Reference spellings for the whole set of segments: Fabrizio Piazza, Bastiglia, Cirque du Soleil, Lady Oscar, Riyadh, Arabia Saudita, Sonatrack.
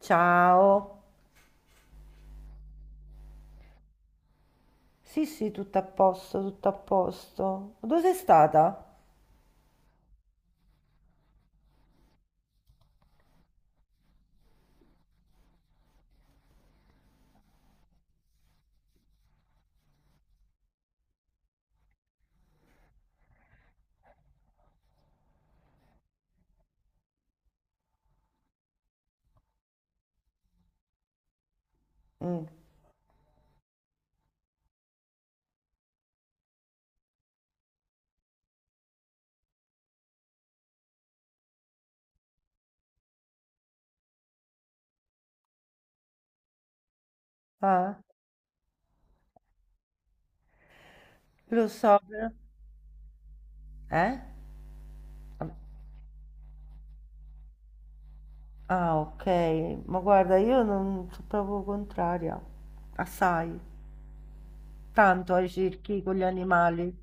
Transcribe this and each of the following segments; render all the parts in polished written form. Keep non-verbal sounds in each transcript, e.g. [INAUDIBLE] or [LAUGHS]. Ciao. Sì, sì, tutto a posto, tutto a posto. Dove sei stata? Mm. Ah, lo so, però. Eh? Ah, ok. Ma guarda, io non sono proprio contraria. Assai. Tanto ai circhi con gli animali.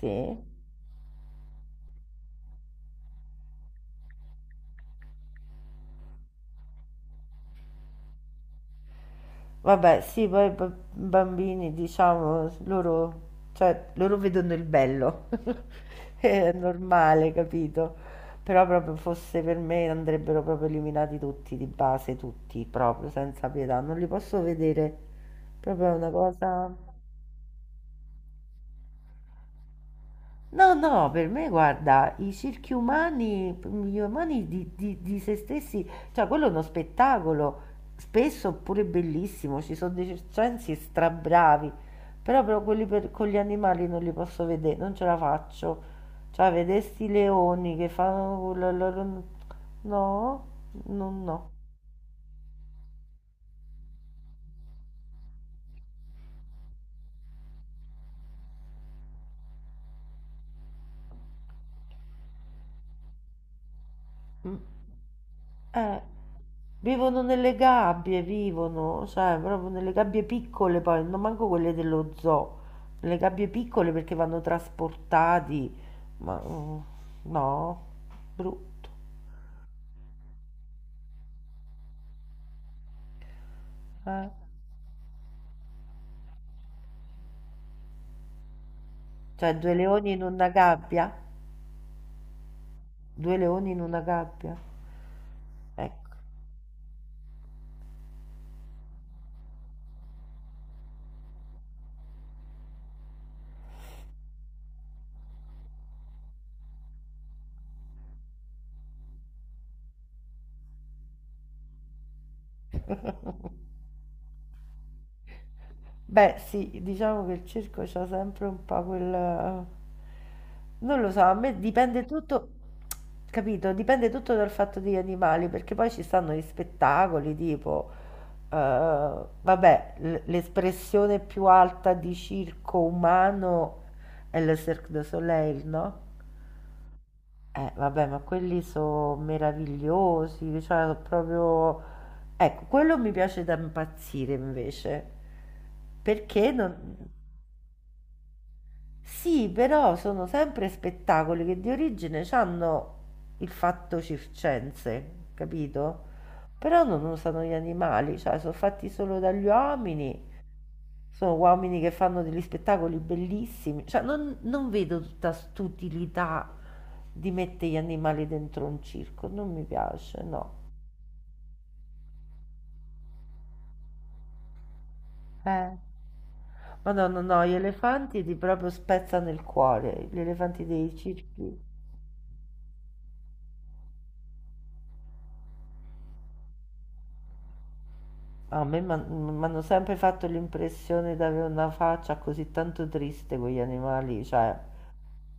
Sì. Vabbè, sì, poi i bambini, diciamo, loro, cioè, loro vedono il bello, [LAUGHS] è normale, capito? Però proprio fosse per me andrebbero proprio eliminati tutti, di base, tutti, proprio, senza pietà, non li posso vedere, proprio è una cosa. No, no, per me guarda, i circhi umani, gli umani di se stessi, cioè quello è uno spettacolo, spesso pure bellissimo, ci sono dei circensi strabravi, però quelli con gli animali non li posso vedere, non ce la faccio. Cioè, vedere sti leoni che fanno quello, no, no, no. Mm. Eh, vivono nelle gabbie, vivono, sai, proprio nelle gabbie piccole poi, non manco quelle dello zoo, nelle gabbie piccole perché vanno trasportati, ma no, brutto, eh. Cioè due leoni in una gabbia? Due leoni in una gabbia? Ecco. Beh sì, diciamo che il circo c'ha sempre un po' quel. Non lo so, a me dipende tutto, capito? Dipende tutto dal fatto degli animali, perché poi ci stanno gli spettacoli tipo, eh, vabbè, l'espressione più alta di circo umano è il Cirque du Soleil, no? Vabbè, ma quelli sono meravigliosi, cioè sono proprio. Ecco, quello mi piace da impazzire invece, perché non. Sì, però sono sempre spettacoli che di origine hanno il fatto circense, capito? Però non usano gli animali, cioè sono fatti solo dagli uomini, sono uomini che fanno degli spettacoli bellissimi, cioè non vedo tutta st'utilità di mettere gli animali dentro un circo, non mi piace, no. Eh, ma no, no, no, gli elefanti ti proprio spezzano il cuore, gli elefanti dei circhi. A me m'hanno sempre fatto l'impressione d'avere una faccia così tanto triste quegli animali, cioè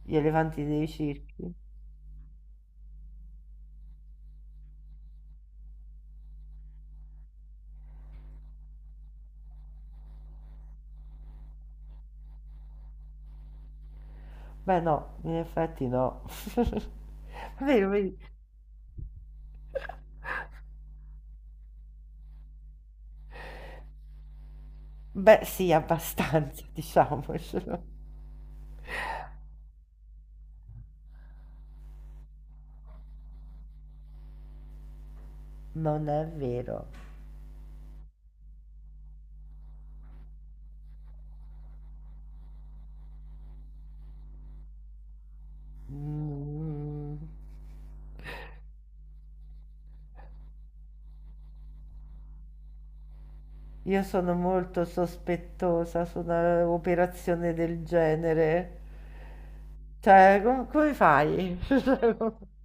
gli elefanti dei circhi. Beh no, in effetti no. [LAUGHS] Vero, vedi? Beh sì, abbastanza, [LAUGHS] diciamocelo. Non è vero. Mm, io sono molto sospettosa su un'operazione del genere. Cioè, come fai? [LAUGHS]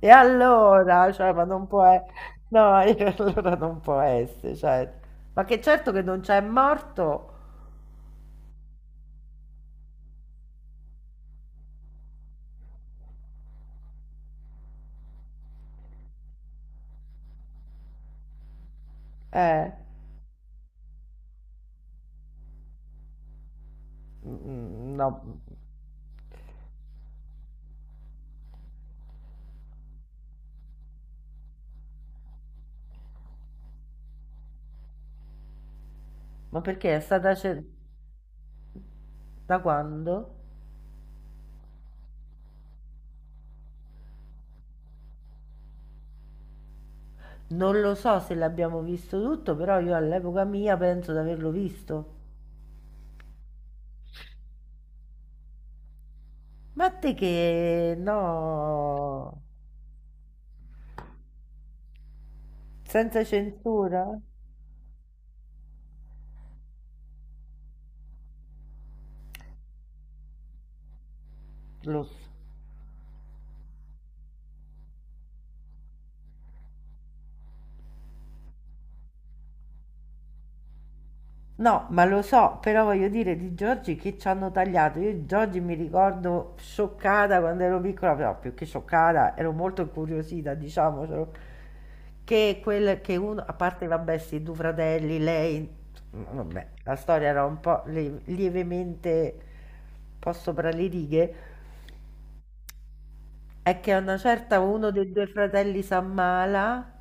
E allora, cioè, ma non può e no, [LAUGHS] e allora non può esse cioè, ma che certo che non c'è morto, eh, mhmm, no, mhmm, ma perché è stata ce da quando? Non lo so se l'abbiamo visto tutto, però io all'epoca mia penso di averlo visto. Ma te che no, senza censura? Lo so. No, ma lo so, però voglio dire di Giorgi che ci hanno tagliato. Io Giorgi mi ricordo scioccata quando ero piccola, però più che scioccata, ero molto incuriosita, diciamocelo, che quel che uno, a parte vabbè, sti due fratelli, lei, insomma, vabbè, la storia era un po' lievemente un po' sopra le righe, è che a una certa uno dei due fratelli si ammala.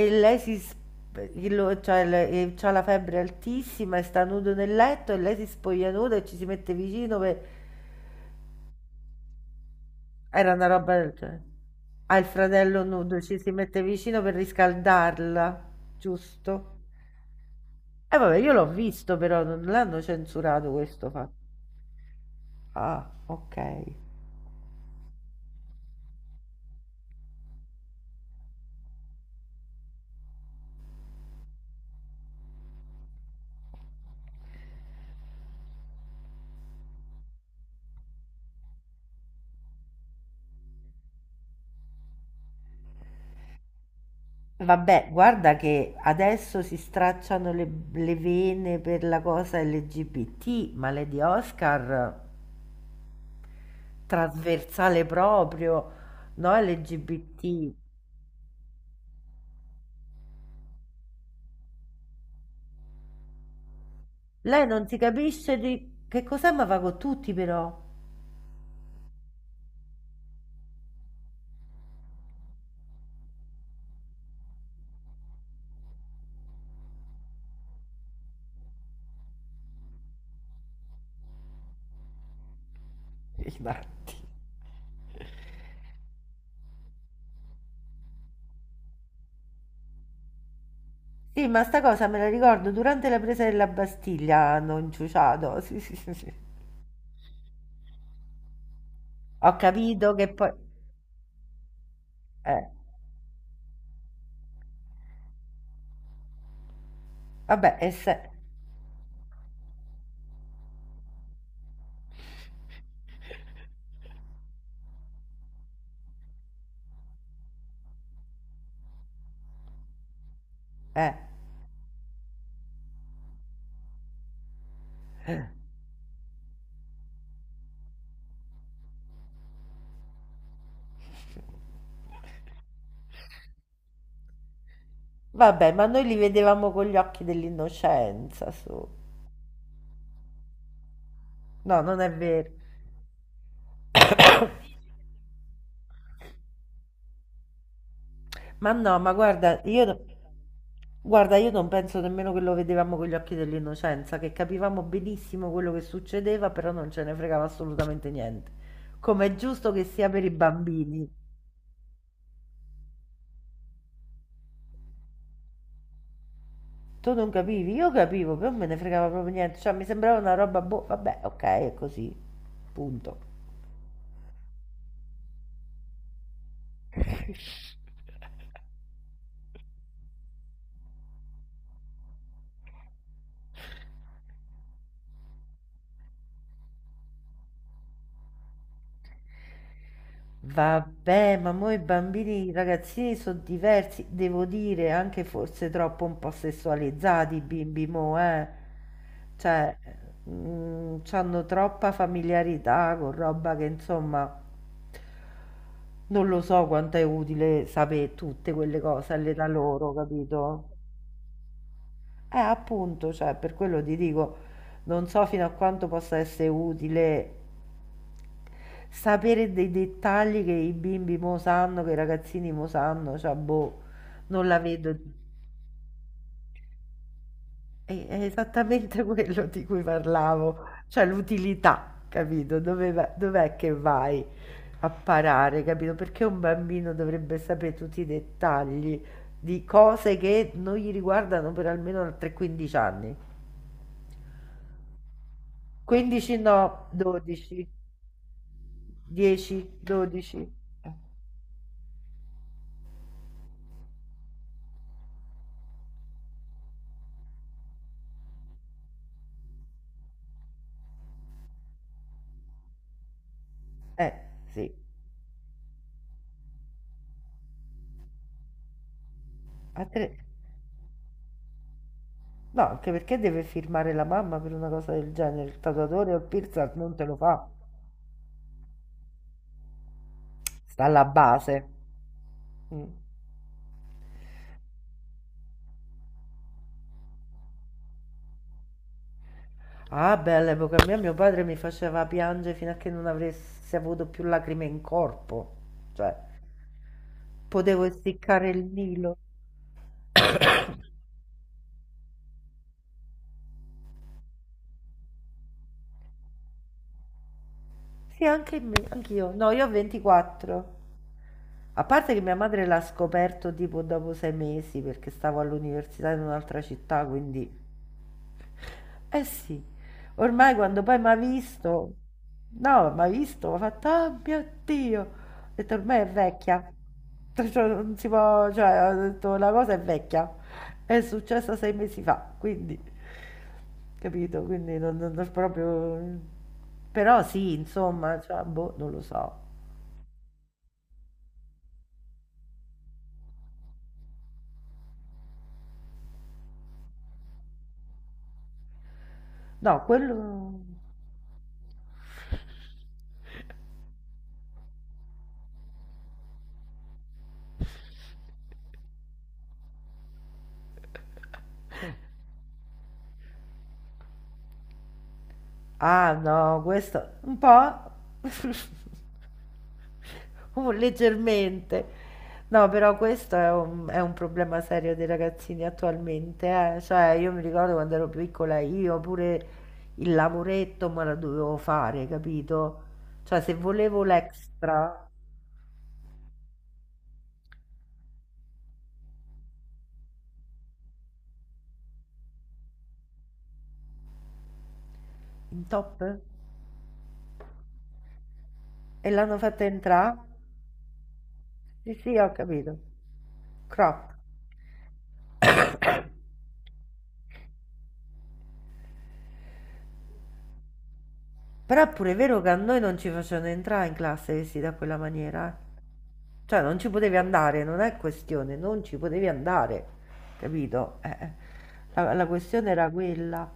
E lei si sp lo cioè le c'ha la febbre altissima e sta nudo nel letto e lei si spoglia nuda e ci si mette vicino pe era una roba del genere. Ha il fratello nudo, ci si mette vicino per riscaldarla, giusto? E vabbè, io l'ho visto però, non l'hanno censurato questo fatto. Ah, ok. Vabbè, guarda che adesso si stracciano le vene per la cosa LGBT, ma Lady Oscar Trasversale proprio, no, LGBT. Lei non si capisce di che cos'è, ma va con tutti però. [LAUGHS] I dati. Sì, ma sta cosa me la ricordo durante la presa della Bastiglia hanno inciuciato. Sì, sì, sì, sì. Ho capito che poi. Eh, vabbè, e se. Eh. Vabbè, ma noi li vedevamo con gli occhi dell'innocenza, su. No, non è vero. Ma no, ma guarda, io, no- guarda, io non penso nemmeno che lo vedevamo con gli occhi dell'innocenza, che capivamo benissimo quello che succedeva, però non ce ne fregava assolutamente niente. Come è giusto che sia per i bambini. Tu non capivi, io capivo, però non me ne fregava proprio niente, cioè mi sembrava una roba, boh, vabbè, ok, è così, punto. [LAUGHS] Vabbè, ma mo i bambini, i ragazzini sono diversi, devo dire, anche forse troppo un po' sessualizzati i bimbi mo, eh. Cioè, c'hanno troppa familiarità con roba che insomma, non lo so quanto è utile sapere tutte quelle cose all'età loro, capito? Appunto, cioè per quello ti dico, non so fino a quanto possa essere utile sapere dei dettagli che i bimbi mo sanno, che i ragazzini mo sanno, cioè boh, non la vedo. È esattamente [LAUGHS] quello di cui parlavo, cioè l'utilità, capito? Dove dov'è che vai a parare, capito? Perché un bambino dovrebbe sapere tutti i dettagli di cose che non gli riguardano per almeno 3-15 anni? 15 no, 12, 10, 12. Sì. A tre- No, anche perché deve firmare la mamma per una cosa del genere. Il tatuatore o il piercer non te lo fa. Sta alla base. Mm. Ah, beh, all'epoca mia mio padre mi faceva piangere fino a che non avessi avuto più lacrime in corpo. Cioè, potevo essiccare il Nilo. Sì, anche me, anch'io. No, io ho 24. A parte che mia madre l'ha scoperto tipo dopo 6 mesi perché stavo all'università in un'altra città, quindi. Eh sì, ormai quando poi mi ha visto. No, mi ha visto, mi ha fatto, oh mio Dio, ho detto ormai è vecchia, [LAUGHS] cioè, non si può, cioè, ho detto la cosa è vecchia, è successa 6 mesi fa, quindi, capito, quindi non proprio. Però sì, insomma, cioè, boh, non lo so. No, quello. Ah no, questo un po', [LAUGHS] leggermente. No, però questo è un problema serio dei ragazzini attualmente, eh. Cioè, io mi ricordo quando ero piccola, io pure il lavoretto me lo dovevo fare, capito? Cioè, se volevo l'extra in top e l'hanno fatta entrare, sì, sì, ho capito. Crop. Però è pure vero che a noi non ci facevano entrare in classe vestiti da quella maniera, eh. Cioè non ci potevi andare, non è questione, non ci potevi andare, capito? Eh. La questione era quella.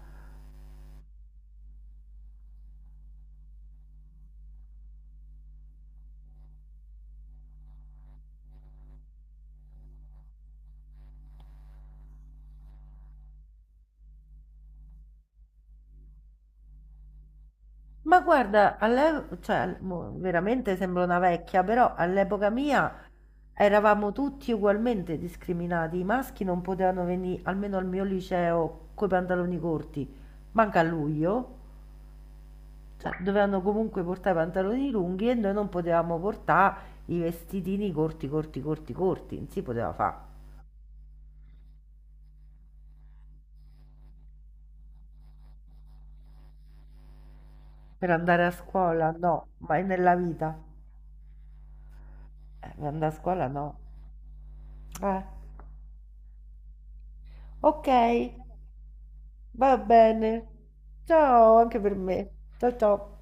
Ma guarda, cioè, mo veramente sembro una vecchia, però all'epoca mia eravamo tutti ugualmente discriminati. I maschi non potevano venire, almeno al mio liceo, coi pantaloni corti, manca a luglio. Cioè, dovevano comunque portare i pantaloni lunghi e noi non potevamo portare i vestitini corti, corti, corti, corti, non si poteva fare. Per andare a scuola? No, mai nella vita. Per andare a scuola? No. Eh, ok, va bene. Ciao anche per me. Ciao ciao.